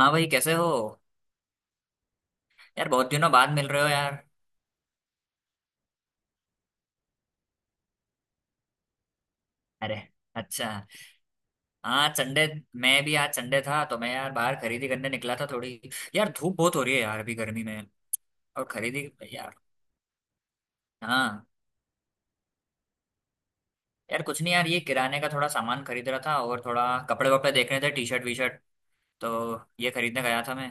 हाँ भाई, कैसे हो? यार, बहुत दिनों बाद मिल रहे हो यार। अरे। अच्छा। हाँ, संडे। मैं भी आज संडे था तो मैं यार बाहर खरीदी करने निकला था थोड़ी। यार, धूप बहुत हो रही है यार अभी गर्मी में। और खरीदी यार। हाँ, यार कुछ नहीं यार, ये किराने का थोड़ा सामान खरीद रहा था और थोड़ा कपड़े वपड़े देख रहे थे, टी शर्ट वी शर्ट। तो ये खरीदने गया था मैं।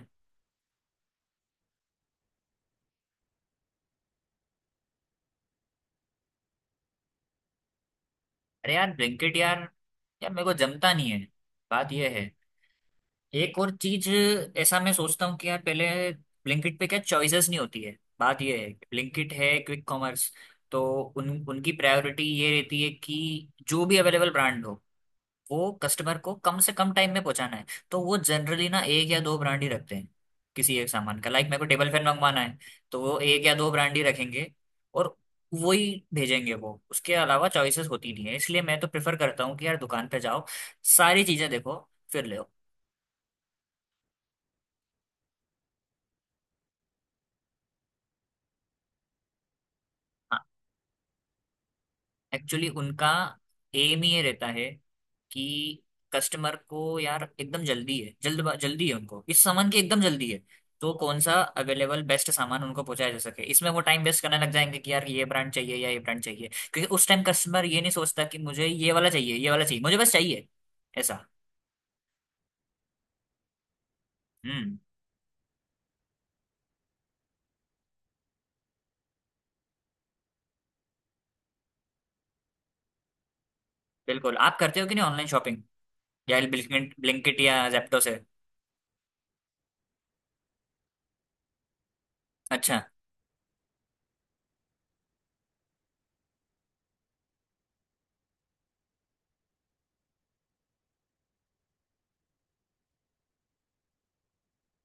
अरे यार, ब्लिंकिट यार, यार मेरे को जमता नहीं है। बात ये है। एक और चीज। ऐसा मैं सोचता हूँ कि यार पहले ब्लिंकिट पे क्या चॉइसेस नहीं होती है। बात ये है, ब्लिंकिट है क्विक कॉमर्स। तो उन उनकी प्रायोरिटी ये रहती है कि जो भी अवेलेबल ब्रांड हो, वो कस्टमर को कम से कम टाइम में पहुंचाना है। तो वो जनरली ना एक या दो ब्रांड ही रखते हैं। किसी एक सामान का, लाइक मेरे को टेबल फैन मंगवाना है, तो वो एक या दो ब्रांड ही रखेंगे और वही भेजेंगे। वो उसके अलावा चॉइसेस होती नहीं है, इसलिए मैं तो प्रेफर करता हूँ कि यार दुकान पे जाओ, सारी चीजें देखो, फिर ले। एक्चुअली उनका एम ही ये रहता है कि कस्टमर को यार एकदम जल्दी है, जल्दी है उनको, इस सामान की एकदम जल्दी है। तो कौन सा अवेलेबल बेस्ट सामान उनको पहुंचाया जा सके, इसमें वो टाइम वेस्ट करने लग जाएंगे कि यार ये ब्रांड चाहिए या ये ब्रांड चाहिए। क्योंकि उस टाइम कस्टमर ये नहीं सोचता कि मुझे ये वाला चाहिए, ये वाला चाहिए, मुझे बस चाहिए ऐसा। हम्म। बिल्कुल, आप करते हो कि नहीं ऑनलाइन शॉपिंग या ब्लिंकिट, या जेप्टो से? अच्छा।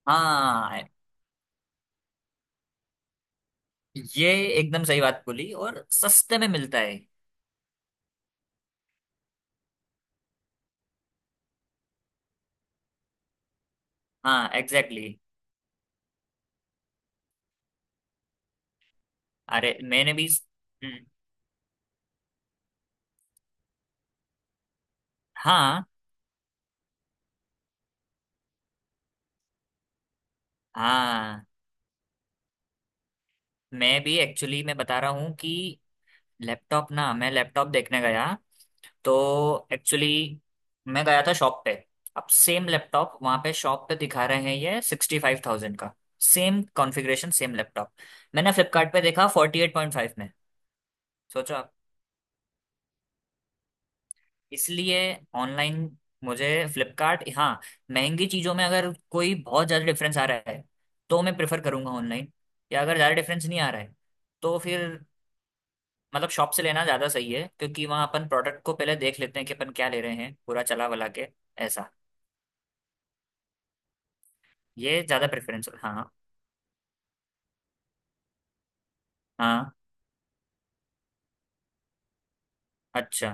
हाँ, ये एकदम सही बात बोली, और सस्ते में मिलता है। हाँ एग्जैक्टली। अरे मैंने भी। हम्म, हाँ हाँ। मैं भी एक्चुअली, मैं बता रहा हूँ कि लैपटॉप ना, मैं लैपटॉप देखने गया तो एक्चुअली मैं गया था शॉप पे। अब सेम लैपटॉप वहाँ पे शॉप पे दिखा रहे हैं ये 65,000 का, सेम कॉन्फ़िगरेशन, सेम लैपटॉप। मैंने फ्लिपकार्ट पे देखा 48.5 में। सोचो। इसलिए ऑनलाइन मुझे फ्लिपकार्ट, हाँ, महंगी चीज़ों में अगर कोई बहुत ज़्यादा डिफरेंस आ रहा है तो मैं प्रेफर करूंगा ऑनलाइन। या अगर ज़्यादा डिफरेंस नहीं आ रहा है तो फिर मतलब शॉप से लेना ज़्यादा सही है, क्योंकि वहाँ अपन प्रोडक्ट को पहले देख लेते हैं कि अपन क्या ले रहे हैं, पूरा चला वला के। ऐसा। ये ज़्यादा प्रेफरेंस, हाँ। हाँ। अच्छा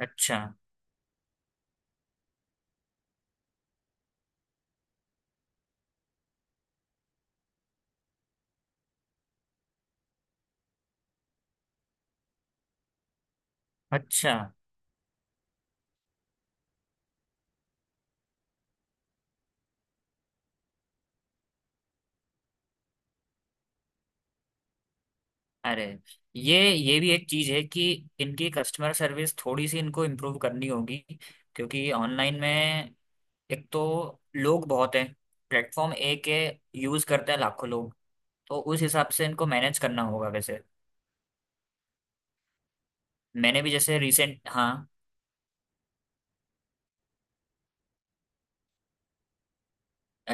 अच्छा अच्छा। अरे, ये भी एक चीज़ है कि इनकी कस्टमर सर्विस थोड़ी सी इनको इम्प्रूव करनी होगी, क्योंकि ऑनलाइन में एक तो लोग बहुत हैं, प्लेटफॉर्म एक है, यूज करते हैं लाखों लोग। तो उस हिसाब से इनको मैनेज करना होगा वैसे। मैंने भी जैसे रिसेंट, हाँ।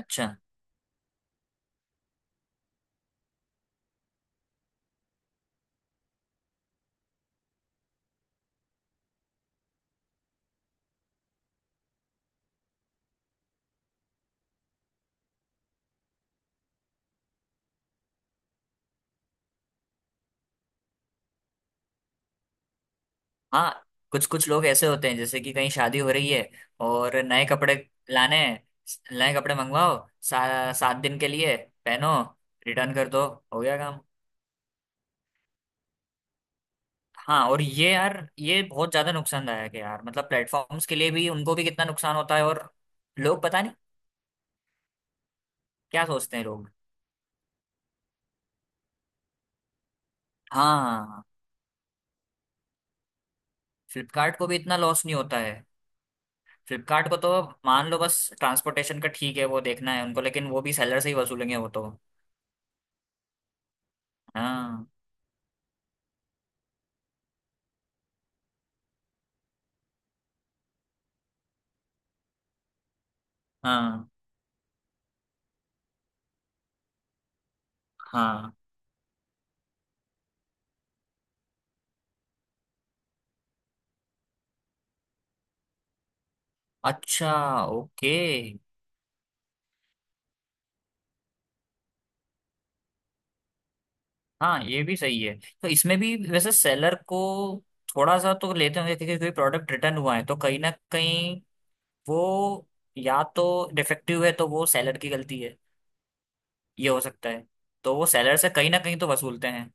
अच्छा। हाँ, कुछ कुछ लोग ऐसे होते हैं जैसे कि कहीं शादी हो रही है और नए कपड़े लाने हैं। नए कपड़े मंगवाओ, 7 दिन के लिए पहनो, रिटर्न कर दो। हो गया काम। हाँ, और ये यार, ये बहुत ज्यादा नुकसानदायक है यार, मतलब प्लेटफॉर्म्स के लिए भी, उनको भी कितना नुकसान होता है। और लोग पता नहीं क्या सोचते हैं लोग। हाँ हाँ। फ्लिपकार्ट को भी इतना लॉस नहीं होता है। फ्लिपकार्ट को तो मान लो बस ट्रांसपोर्टेशन का ठीक है, वो देखना है उनको, लेकिन वो भी सेलर से ही वसूलेंगे वो तो। हाँ। हाँ हाँ। अच्छा। ओके। हाँ, ये भी सही है। तो इसमें भी वैसे सेलर को थोड़ा सा तो लेते होंगे, क्योंकि कोई प्रोडक्ट रिटर्न हुआ है तो कहीं ना कहीं वो, या तो डिफेक्टिव है तो वो सेलर की गलती है, ये हो सकता है। तो वो सेलर से कहीं ना कहीं तो वसूलते हैं।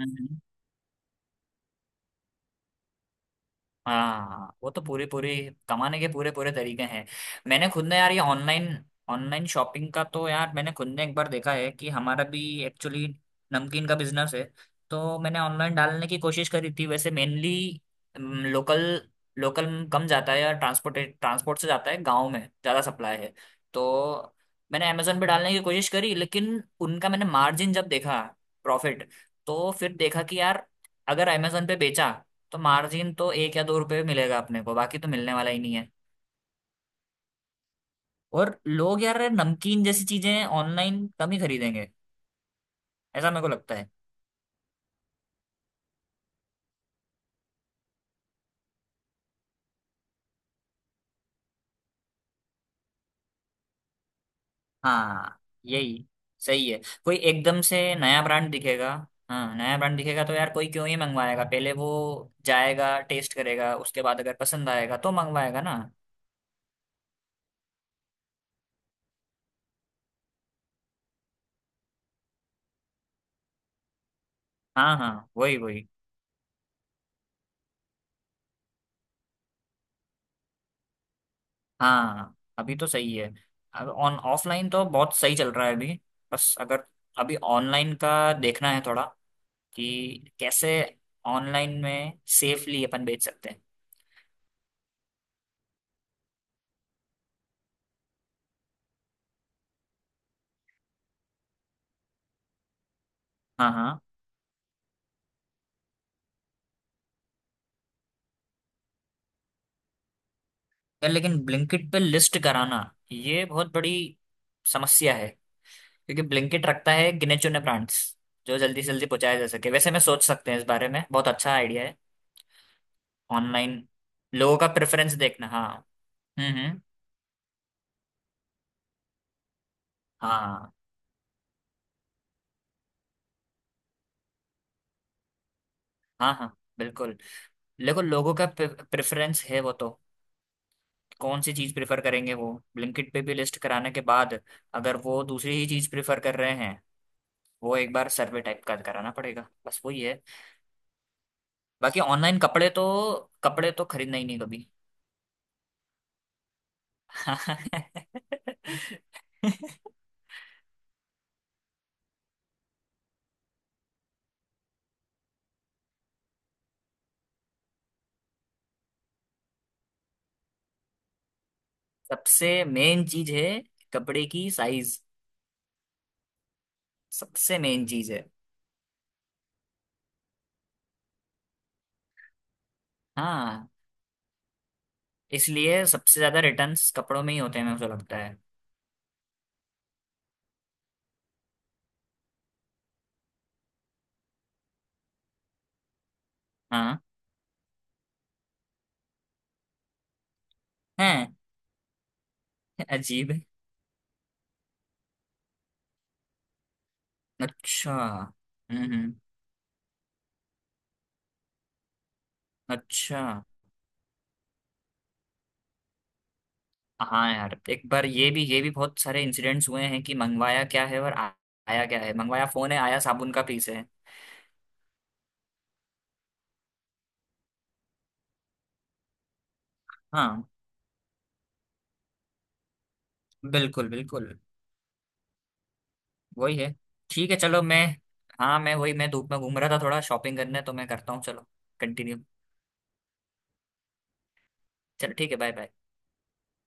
हम्म। हाँ, वो तो पूरे पूरे कमाने के पूरे पूरे तरीके हैं। मैंने खुद ने यार ये ऑनलाइन, शॉपिंग का तो यार मैंने खुद ने एक बार देखा है कि हमारा भी एक्चुअली नमकीन का बिजनेस है। तो मैंने ऑनलाइन डालने की कोशिश करी थी वैसे। मेनली लोकल, लोकल कम जाता है यार, ट्रांसपोर्ट, से जाता है, गाँव में ज़्यादा सप्लाई है। तो मैंने अमेजोन पे डालने की कोशिश करी, लेकिन उनका मैंने मार्जिन जब देखा, प्रॉफिट, तो फिर देखा कि यार अगर अमेजोन पे बेचा तो मार्जिन तो एक या दो रुपए मिलेगा अपने को, बाकी तो मिलने वाला ही नहीं है। और लोग यार नमकीन जैसी चीजें ऑनलाइन कम ही खरीदेंगे ऐसा मेरे को लगता है। हाँ। यही सही है, कोई एकदम से नया ब्रांड दिखेगा, हाँ नया ब्रांड दिखेगा तो यार कोई क्यों ही मंगवाएगा? पहले वो जाएगा, टेस्ट करेगा, उसके बाद अगर पसंद आएगा तो मंगवाएगा ना। हाँ हाँ, वही वही। हाँ, अभी तो सही है। अब ऑन ऑफलाइन तो बहुत सही चल रहा है अभी। बस अगर अभी ऑनलाइन का देखना है थोड़ा कि कैसे ऑनलाइन में सेफली अपन बेच सकते हैं। हाँ हाँ। यार लेकिन ब्लिंकिट पे लिस्ट कराना, ये बहुत बड़ी समस्या है। क्योंकि ब्लिंकिट रखता है गिने चुने ब्रांड्स, जो जल्दी से जल्दी पहुंचाया जा सके। वैसे मैं सोच सकते हैं इस बारे में, बहुत अच्छा आइडिया है। ऑनलाइन लोगों का प्रेफरेंस देखना, हाँ। हम्म। हाँ हाँ। हाँ बिल्कुल। देखो लोगों का प्रेफरेंस है वो तो, कौन सी चीज प्रेफर करेंगे वो, ब्लिंकिट पे भी लिस्ट कराने के बाद अगर वो दूसरी ही चीज प्रेफर कर रहे हैं, वो एक बार सर्वे टाइप का कराना पड़ेगा, बस वही है। बाकी ऑनलाइन कपड़े तो, कपड़े तो खरीदना ही नहीं कभी। सबसे मेन चीज है कपड़े की साइज, सबसे मेन चीज है। हाँ। इसलिए सबसे ज्यादा रिटर्न्स कपड़ों में ही होते हैं मुझे लगता है। हाँ। हैं? अजीब है। अच्छा। हम्म। अच्छा। हाँ यार, एक बार ये भी, ये भी बहुत सारे इंसिडेंट्स हुए हैं कि मंगवाया क्या है और आया क्या है। मंगवाया फोन है, आया साबुन का पीस है। हाँ। बिल्कुल बिल्कुल। वही है। ठीक है, चलो मैं, हाँ मैं वही, मैं धूप में घूम रहा था थोड़ा शॉपिंग करने, तो मैं करता हूँ चलो कंटिन्यू। चलो ठीक है, बाय बाय।